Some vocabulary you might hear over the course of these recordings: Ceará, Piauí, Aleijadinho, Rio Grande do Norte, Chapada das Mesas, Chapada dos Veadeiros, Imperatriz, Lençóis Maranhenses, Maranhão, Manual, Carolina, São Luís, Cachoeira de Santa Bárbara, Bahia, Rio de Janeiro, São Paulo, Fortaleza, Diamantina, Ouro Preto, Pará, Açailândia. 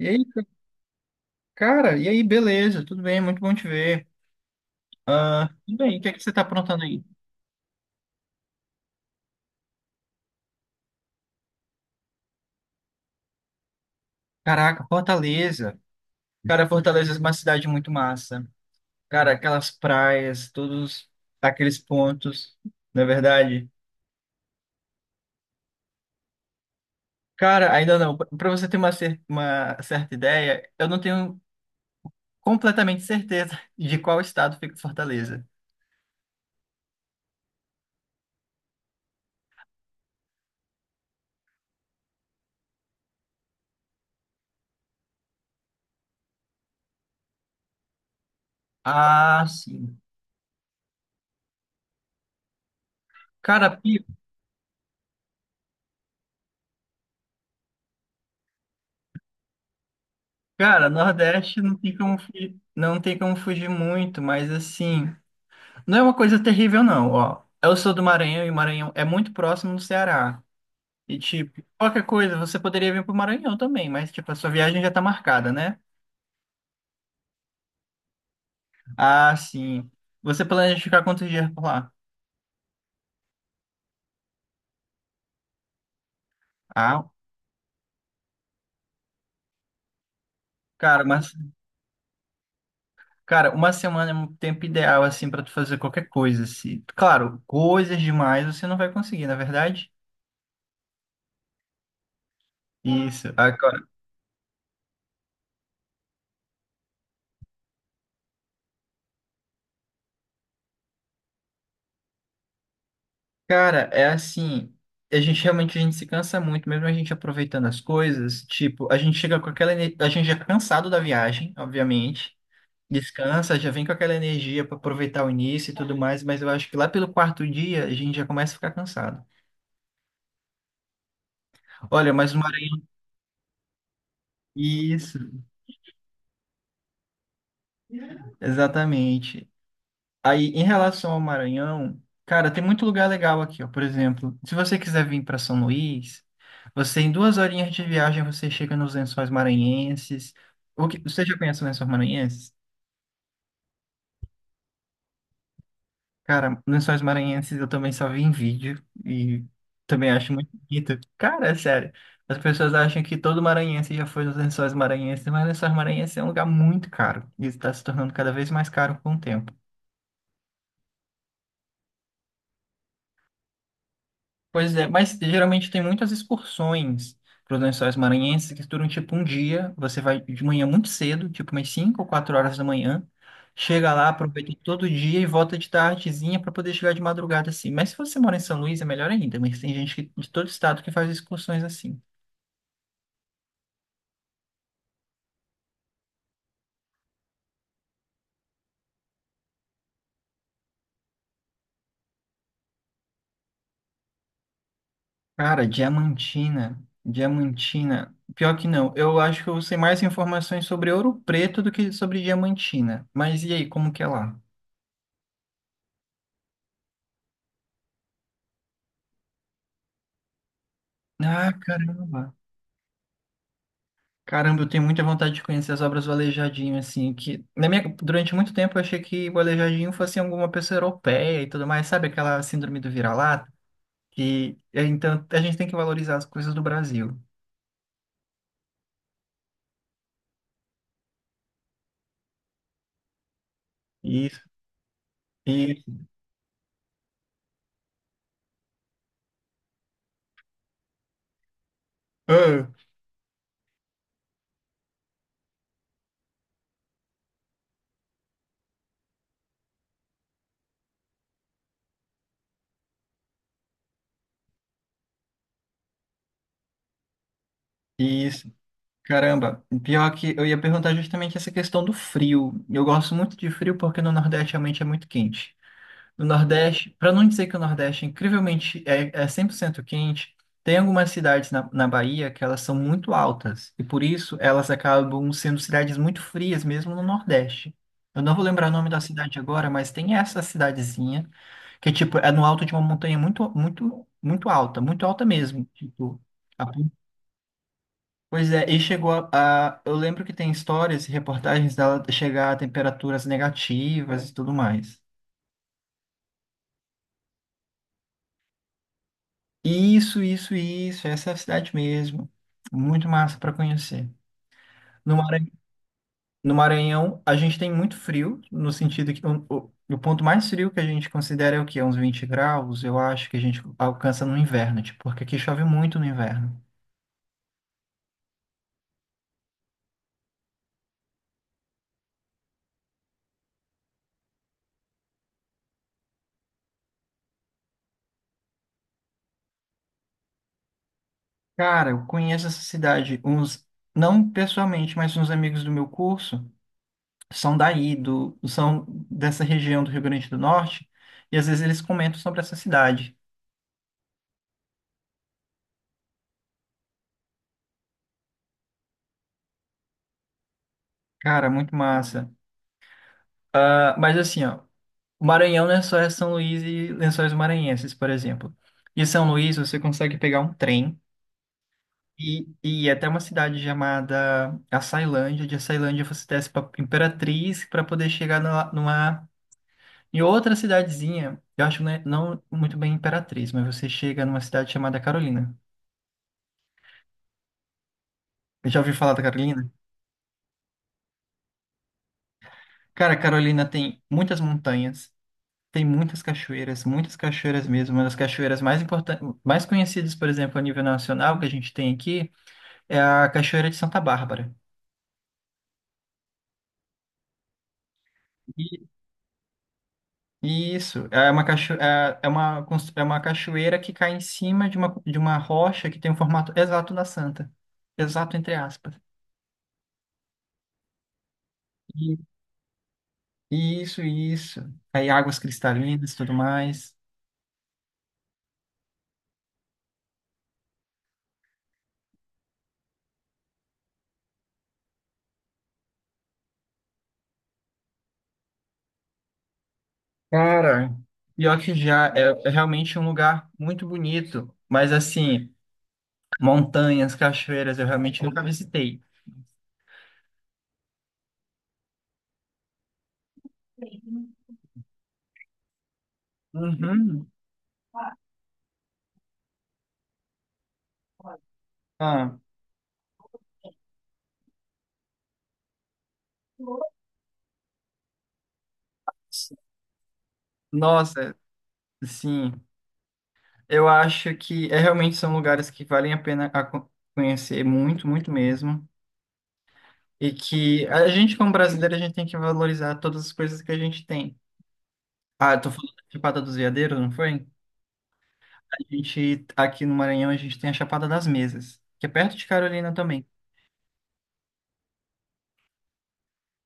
E aí, cara, e aí, beleza, tudo bem, muito bom te ver. Ah, tudo bem, o que é que você tá aprontando aí? Caraca, Fortaleza. Cara, Fortaleza é uma cidade muito massa. Cara, aquelas praias, todos aqueles pontos, não é verdade? Cara, ainda não, para você ter uma certa ideia, eu não tenho completamente certeza de qual estado fica Fortaleza. Ah, sim. Cara, pi- cara, Nordeste não tem como fugir, não tem como fugir muito, mas assim. Não é uma coisa terrível, não, ó. Eu sou do Maranhão e o Maranhão é muito próximo do Ceará. E, tipo, qualquer coisa, você poderia vir pro Maranhão também, mas, tipo, a sua viagem já tá marcada, né? Ah, sim. Você planeja ficar quantos dias por lá? Ah, cara, mas, cara, uma semana é um tempo ideal, assim, pra tu fazer qualquer coisa, assim. Claro, coisas demais você não vai conseguir, na é verdade? Isso. Cara, é assim, a gente realmente a gente se cansa muito, mesmo a gente aproveitando as coisas, tipo, a gente chega, a gente já é cansado da viagem, obviamente, descansa, já vem com aquela energia para aproveitar o início e tudo mais, mas eu acho que lá pelo quarto dia a gente já começa a ficar cansado. Olha, mas o Maranhão, isso, exatamente. Aí, em relação ao Maranhão, cara, tem muito lugar legal aqui, ó. Por exemplo, se você quiser vir para São Luís, você em duas horinhas de viagem você chega nos Lençóis Maranhenses. O que, você já conhece os Lençóis Maranhenses? Cara, Lençóis Maranhenses eu também só vi em vídeo e também acho muito bonito. Cara, é sério. As pessoas acham que todo maranhense já foi nos Lençóis Maranhenses, mas Lençóis Maranhenses é um lugar muito caro e está se tornando cada vez mais caro com o tempo. Pois é, mas geralmente tem muitas excursões para os Lençóis Maranhenses que duram tipo um dia. Você vai de manhã muito cedo, tipo umas 5 ou 4 horas da manhã, chega lá, aproveita todo o dia e volta de tardezinha para poder chegar de madrugada assim. Mas se você mora em São Luís é melhor ainda, mas tem gente de todo estado que faz excursões assim. Cara, Diamantina, Diamantina. Pior que não, eu acho que eu sei mais informações sobre Ouro Preto do que sobre Diamantina. Mas e aí, como que é lá? Ah, caramba. Caramba, eu tenho muita vontade de conhecer as obras do Aleijadinho, assim, que na minha, durante muito tempo eu achei que o Aleijadinho fosse alguma pessoa europeia e tudo mais, sabe aquela síndrome do vira-lata? Que é, então a gente tem que valorizar as coisas do Brasil. Isso, isso, ah, isso. Caramba, pior que eu ia perguntar justamente essa questão do frio. Eu gosto muito de frio porque no Nordeste realmente é muito quente. Do Nordeste, para não dizer que o Nordeste é incrivelmente é 100% quente, tem algumas cidades na Bahia que elas são muito altas e por isso elas acabam sendo cidades muito frias mesmo no Nordeste. Eu não vou lembrar o nome da cidade agora, mas tem essa cidadezinha que tipo é no alto de uma montanha muito muito muito alta mesmo, tipo a pon- Pois é, e chegou Eu lembro que tem histórias e reportagens dela chegar a temperaturas negativas e tudo mais. Isso, isso, isso. Essa é a cidade mesmo. Muito massa para conhecer. No Maranhão, a gente tem muito frio, no sentido que o ponto mais frio que a gente considera é o quê? Uns 20 graus, eu acho que a gente alcança no inverno, tipo, porque aqui chove muito no inverno. Cara, eu conheço essa cidade, uns, não pessoalmente, mas uns amigos do meu curso são daí, são dessa região do Rio Grande do Norte, e às vezes eles comentam sobre essa cidade. Cara, muito massa. Ah, mas assim, ó. O Maranhão não é só é São Luís e Lençóis Maranhenses, por exemplo. De São Luís, você consegue pegar um trem e ir até uma cidade chamada Açailândia. De Açailândia, você desce para Imperatriz para poder chegar em outra cidadezinha. Eu acho, né, não muito bem Imperatriz, mas você chega numa cidade chamada Carolina. Já ouviu falar da Carolina? Cara, Carolina tem muitas montanhas, tem muitas cachoeiras mesmo. Uma das cachoeiras mais importantes, mais conhecidas, por exemplo, a nível nacional que a gente tem aqui É a Cachoeira de Santa Bárbara. E- Isso, é uma, cacho... é é uma, cons- é uma cachoeira que cai em cima de uma, rocha que tem o formato exato da Santa. Exato, entre aspas. E- Isso, isso. Aí águas cristalinas e tudo mais. Cara, pior que já é realmente um lugar muito bonito. Mas assim, montanhas, cachoeiras, eu realmente nunca visitei. Uhum. Ah, nossa, sim. Eu acho que é, realmente são lugares que valem a pena a conhecer muito, muito mesmo. E que a gente, como brasileiro, a gente tem que valorizar todas as coisas que a gente tem. Ah, eu tô falando da Chapada dos Veadeiros, não foi? A gente, aqui no Maranhão, a gente tem a Chapada das Mesas, que é perto de Carolina também.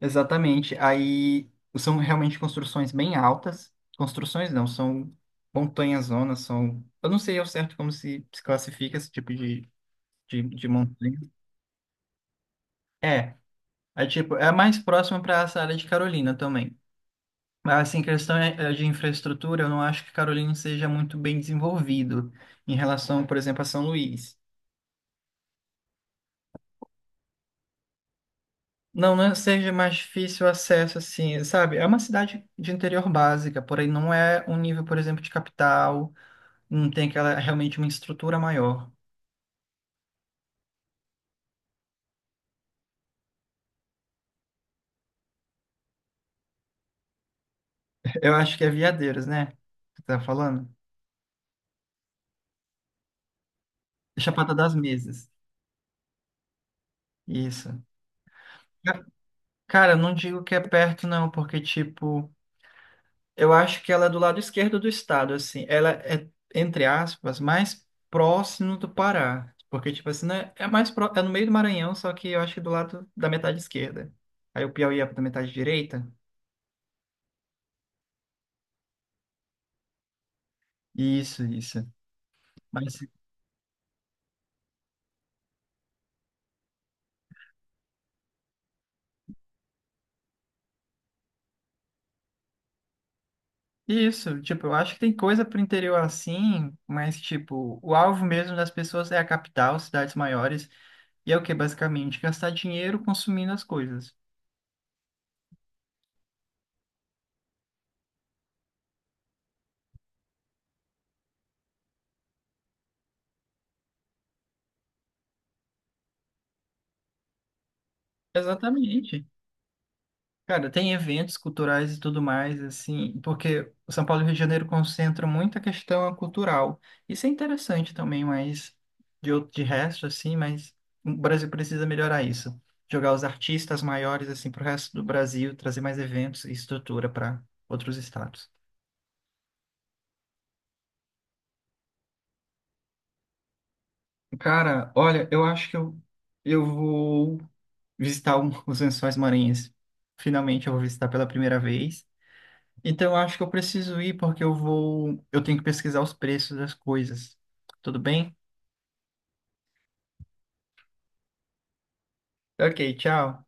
Exatamente. Aí são realmente construções bem altas. Construções não, são montanhas zonas, são. Eu não sei ao certo como se classifica esse tipo de montanha. É. É tipo, é mais próximo para essa área de Carolina também. Mas assim, questão é de infraestrutura, eu não acho que Carolina seja muito bem desenvolvido em relação, por exemplo, a São Luís. Não, não seja mais difícil o acesso, assim, sabe? É uma cidade de interior básica, porém não é um nível, por exemplo, de capital, não tem aquela realmente uma estrutura maior. Eu acho que é Veadeiros, né? Que tá falando? É Chapada das Mesas. Isso. Ca- Cara, eu não digo que é perto, não, porque, tipo. Eu acho que ela é do lado esquerdo do estado, assim. Ela é, entre aspas, mais próximo do Pará. Porque, tipo assim, né? É no meio do Maranhão, só que eu acho que do lado da metade esquerda. Aí o Piauí é da metade direita. Isso, isso. Mas isso, tipo, eu acho que tem coisa pro interior assim, mas tipo, o alvo mesmo das pessoas é a capital, cidades maiores, e é o que basicamente gastar dinheiro consumindo as coisas. Exatamente. Cara, tem eventos culturais e tudo mais, assim, porque o São Paulo e o Rio de Janeiro concentram muito a questão cultural. Isso é interessante também, mas de resto, assim, mas o Brasil precisa melhorar isso. Jogar os artistas maiores, assim, para o resto do Brasil, trazer mais eventos e estrutura para outros estados. Cara, olha, eu acho que eu vou visitar os Lençóis Maranhenses. Finalmente, eu vou visitar pela primeira vez. Então, eu acho que eu preciso ir porque eu vou. Eu tenho que pesquisar os preços das coisas. Tudo bem? Ok, tchau.